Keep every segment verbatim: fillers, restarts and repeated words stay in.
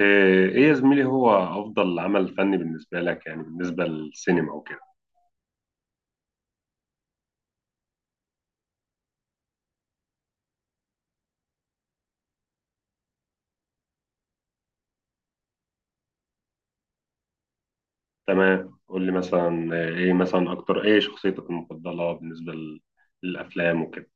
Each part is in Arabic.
إيه إيه يا زميلي، هو أفضل عمل فني بالنسبة لك يعني بالنسبة للسينما وكده؟ تمام، قول لي مثلا آه، إيه مثلا، أكتر إيه شخصيتك المفضلة بالنسبة لل- للأفلام وكده.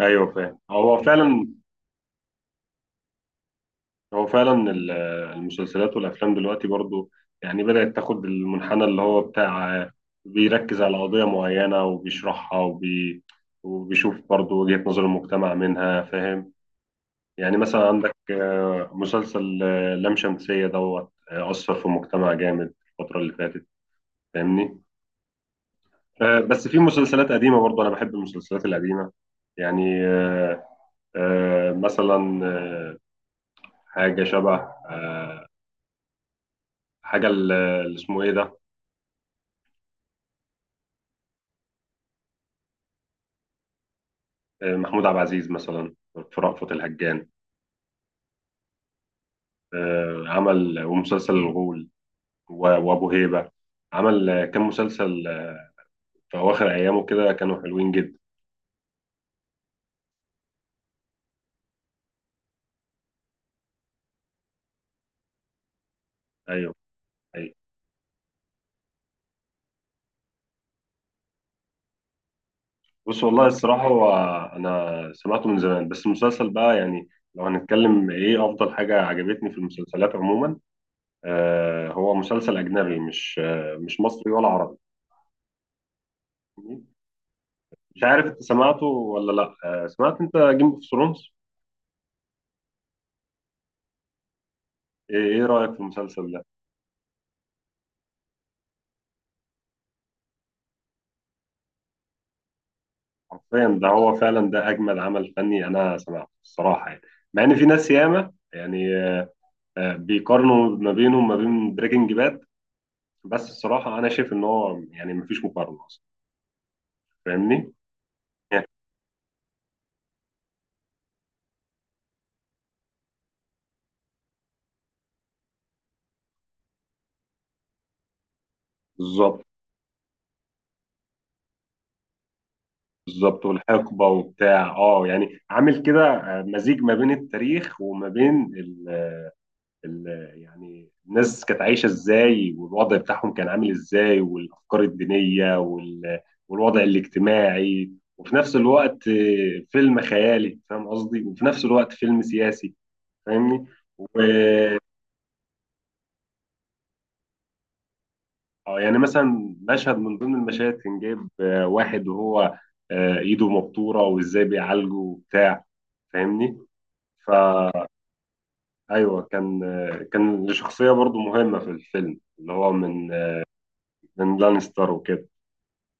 أيوه فاهم، هو فعلا. هو فعلا ال- آه، المسلسلات والأفلام دلوقتي برضو يعني بدأت تاخد المنحنى اللي هو بتاع آه، بيركز على قضية معينة وبيشرحها وبي وبيشوف برضو وجهة نظر المجتمع منها، فاهم؟ يعني مثلا عندك آه، مسلسل آه، لام شمسية دوت آه، أثر في المجتمع جامد الفترة اللي فاتت، فاهمني؟ آه، بس في مسلسلات قديمة برضه، أنا بحب المسلسلات القديمة يعني، آه، آه، مثلا آه، حاجة شبه آه، حاجة ال- اللي اسمه إيه ده. آه، محمود عبد العزيز مثلا، في رأفت الهجان. آه، عمل ومسلسل الغول و- وأبو هيبة، عمل آه، كام مسلسل آه، في أواخر أيامه كده كانوا حلوين جدا. أيوه. أيوه. بص، والله الصراحة هو، أنا سمعته من زمان. بس المسلسل بقى، يعني لو هنتكلم إيه أفضل حاجة عجبتني في المسلسلات عموما، آه، هو مسلسل أجنبي، مش آه مش مصري ولا عربي. مش عارف أنت سمعته ولا لأ. آه، سمعت أنت جيم أوف ثرونز؟ إيه إيه رأيك في المسلسل ده؟ حرفيا ده، هو فعلا ده أجمد عمل فني أنا سمعته الصراحة يعني. مع إن في ناس ياما يعني آه بيقارنوا ما بينه وما بين بريكنج باد، بس الصراحة أنا شايف إن هو يعني مفيش مقارنة أصلا. فاهمني؟ بالظبط. بالظبط، والحقبه وبتاع اه، يعني عامل كده آه، مزيج ما بين التاريخ وما بين ال ال يعني الناس كانت عايشه ازاي، والوضع بتاعهم كان عامل ازاي، والافكار الدينيه وال والوضع الاجتماعي. وفي نفس الوقت آه، فيلم خيالي، فاهم قصدي؟ وفي نفس الوقت فيلم سياسي، فاهمني؟ و آه، يعني مثلا مشهد من ضمن المشاهد كان جايب آه، واحد وهو آه، ايده مبتوره، وازاي بيعالجه وبتاع، فاهمني؟ فأيوه، كان، كان لشخصية برضو مهمة في الفيلم، اللي هو من، من لانستر وكده.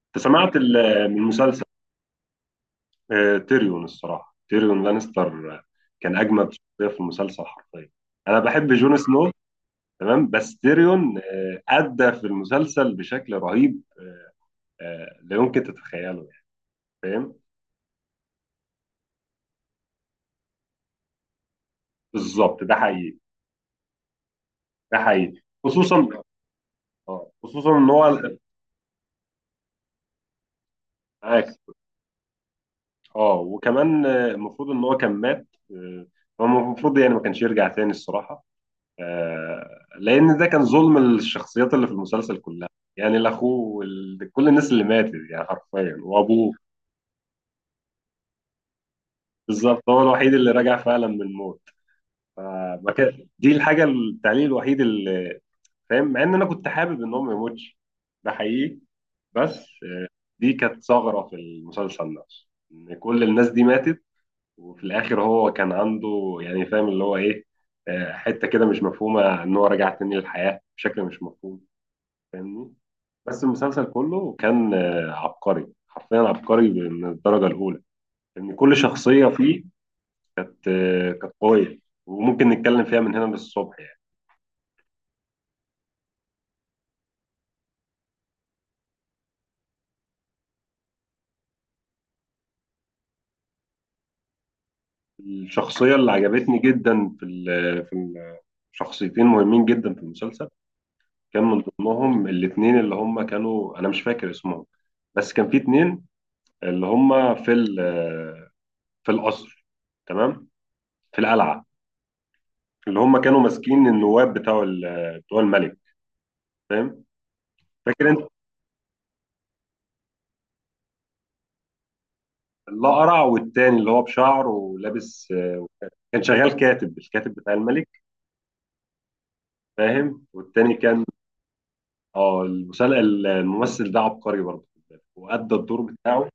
أنت سمعت ال- من المسلسل؟ آه، تيريون الصراحة، تيريون لانستر كان أجمد شخصية في المسلسل حرفيا. أنا بحب جون سنو، تمام، بس تيريون آه، أدى في المسلسل بشكل رهيب. آه، آه، لا يمكن تتخيله يعني، فاهم؟ بالظبط، ده حقيقي. ده حقيقي، خصوصا آه، خصوصا ان هو، معاك. اه، وكمان آه، المفروض ان هو كان مات آه، هو المفروض يعني ما كانش يرجع تاني الصراحه، آه، لان ده كان ظلم للشخصيات اللي في المسلسل كلها، يعني الاخوه وال... كل الناس اللي ماتت يعني حرفيا، وابوه. بالظبط، هو الوحيد اللي رجع فعلا من الموت، فما كان دي الحاجه التعليق الوحيد اللي، فاهم؟ مع ان انا كنت حابب ان هو ما يموتش، ده حقيقي. بس آه، دي كانت ثغره في المسلسل نفسه، ان كل الناس دي ماتت، وفي الاخر هو كان عنده، يعني فاهم اللي هو ايه، آه، حته كده مش مفهومه، ان هو رجع تاني للحياه بشكل مش مفهوم. فاهمني؟ بس المسلسل كله كان آه، عبقري، حرفيا عبقري من الدرجه الاولى، ان كل شخصيه فيه كانت آه، كانت قويه. وممكن نتكلم فيها من هنا للصبح يعني. الشخصيه اللي عجبتني جدا في ال- في ال- شخصيتين مهمين جدا في المسلسل، كان من ضمنهم الاثنين اللي هم كانوا، انا مش فاكر اسمهم، بس كان في اتنين اللي هم في ال- في القصر، تمام، في القلعه، اللي هم كانوا ماسكين النواب بتوع ال- بتوع الملك، فاهم؟ فاكر انت الاقرع والتاني اللي هو بشعر ولابس، كان شغال كاتب، الكاتب بتاع الملك، فاهم؟ والتاني كان، اه المسل- الممثل ده عبقري برضه، وأدى الدور بتاعه.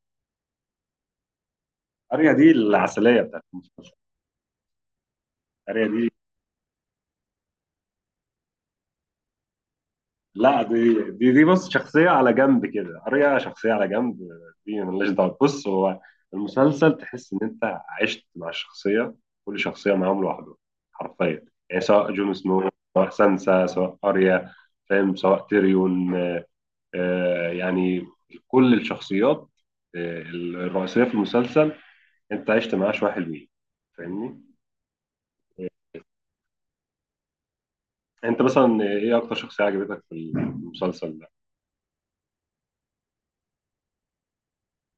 اريا دي العسليه بتاعت المسلسل. اريا دي، لا، دي دي دي بص شخصية على جنب كده، قرية شخصية على جنب، دي ملهاش دعوة. بص، هو المسلسل تحس إن أنت عشت مع الشخصية، كل شخصية معاهم لوحده، حرفيا، يعني سواء جون سنو، سواء سانسا، سواء أريا، فاهم؟ سواء تيريون، آه يعني كل الشخصيات آه الرئيسية في المسلسل أنت عشت معاه شوية حلوين. فاهمني؟ آه، أنت مثلا إيه أكتر شخصية عجبتك في المسلسل ده؟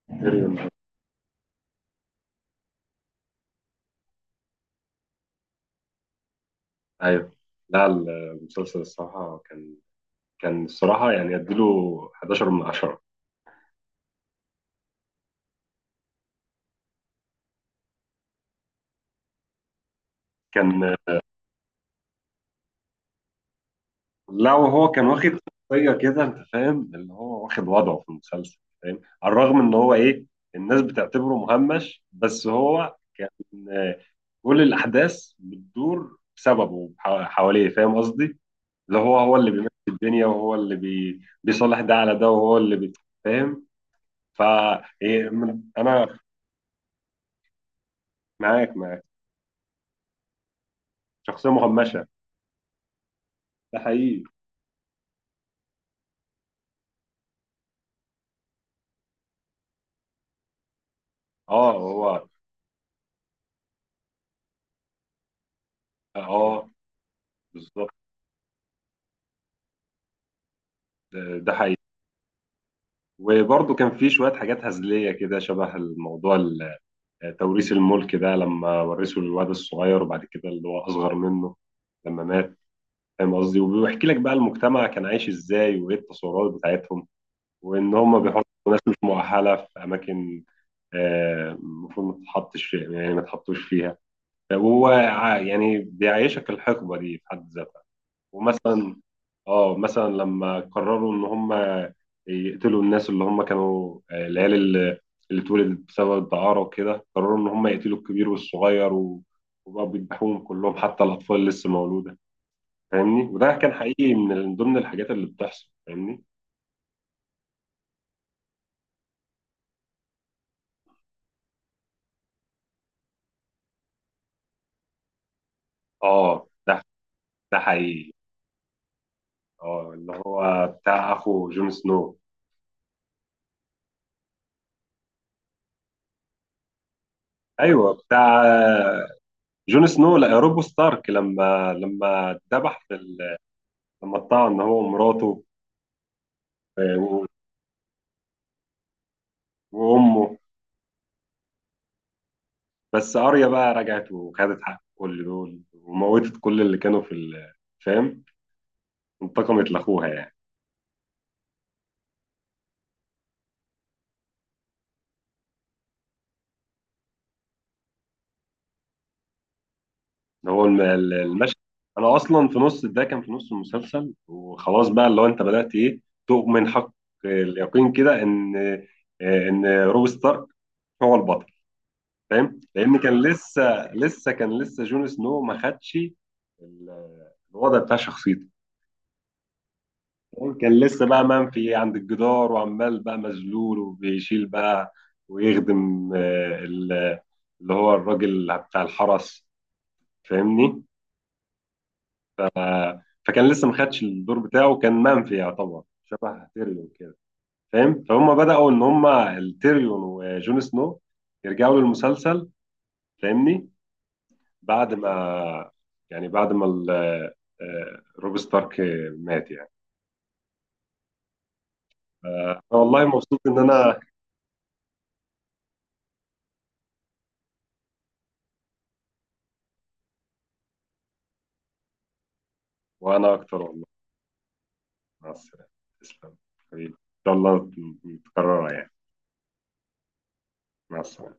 تيريون. ايوه. لا، المسلسل الصراحه كان، كان الصراحه يعني اديله حداشر من عشرة. كان، لا، وهو كان واخد شخصيه كده، انت فاهم اللي هو واخد وضعه في المسلسل، فاهم؟ على الرغم ان هو ايه، الناس بتعتبره مهمش، بس هو كان آه، كل الاحداث بتدور بسببه حو- حواليه، فاهم قصدي؟ اللي هو، هو اللي بيمشي الدنيا، وهو اللي بي... بيصلح ده على ده، وهو اللي بي... فاهم؟ ف، إيه، من- انا معاك، معاك. شخصيه مهمشه، ده حقيقي. اه. هو اه. بالظبط. ده، ده حقيقي. وبرضه كان في شوية حاجات هزلية كده، شبه الموضوع ال- توريث الملك ده، لما ورثوا للواد الصغير، وبعد كده اللي هو أصغر منه لما مات، فاهم قصدي؟ وبيحكي لك بقى المجتمع كان عايش ازاي، وايه التصورات بتاعتهم، وان هم بيحطوا ناس مش مؤهلة في أماكن آه، المفروض ما تتحطش فيها، يعني ما تحطوش فيها. هو ع- يعني بيعيشك الحقبة دي في حد ذاتها. ومثلا، اه مثلا لما قرروا ان هم يقتلوا الناس اللي هم كانوا آه، العيال اللي، اللي اتولدت بسبب الدعارة وكده، قرروا ان هم يقتلوا الكبير والصغير و- وبقوا بيذبحوهم كلهم، حتى الاطفال اللي لسه مولودة. فاهمني؟ وده كان حقيقي من ال- ضمن الحاجات اللي بتحصل، فاهمني؟ اه. ده ده حقيقي. اه، اللي هو بتاع اخو جون سنو. ايوه، بتاع آه، جون سنو، لا روب ستارك، لما لما اتذبح في ال- لما اتطعن هو ومراته آه، و- وامه. بس اريا بقى رجعت وخدت حق كل دول، وموتت كل اللي كانوا في ال- فاهم؟ انتقمت لاخوها يعني. ده هو الم- ال- المشهد. انا اصلا في نص ده، كان في نص المسلسل وخلاص بقى، اللي هو انت بدات ايه، تؤمن حق اليقين كده ان آه، ان روب ستارك هو البطل. فاهم؟ لان كان لسه، لسه كان لسه جون سنو ما خدش ال- الوضع بتاع شخصيته، كان لسه بقى منفي عند الجدار، وعمال بقى مذلول، وبيشيل بقى، ويخدم آه، ال- اللي هو الراجل بتاع الحرس، فاهمني؟ فكان لسه ما خدش الدور بتاعه، كان منفي، يعتبر شبه تيريون كده، فاهم؟ فهم بدأوا ان هم التيريون وجون سنو يرجعوا للمسلسل، فاهمني؟ بعد ما، يعني بعد ما ال- آه، آه، روب ستارك مات يعني. آه، والله مبسوط ان انا، وانا اكتر والله. مع السلامة، تسلم حبيبي، إن شاء الله تكررها يعني. مع السلامة.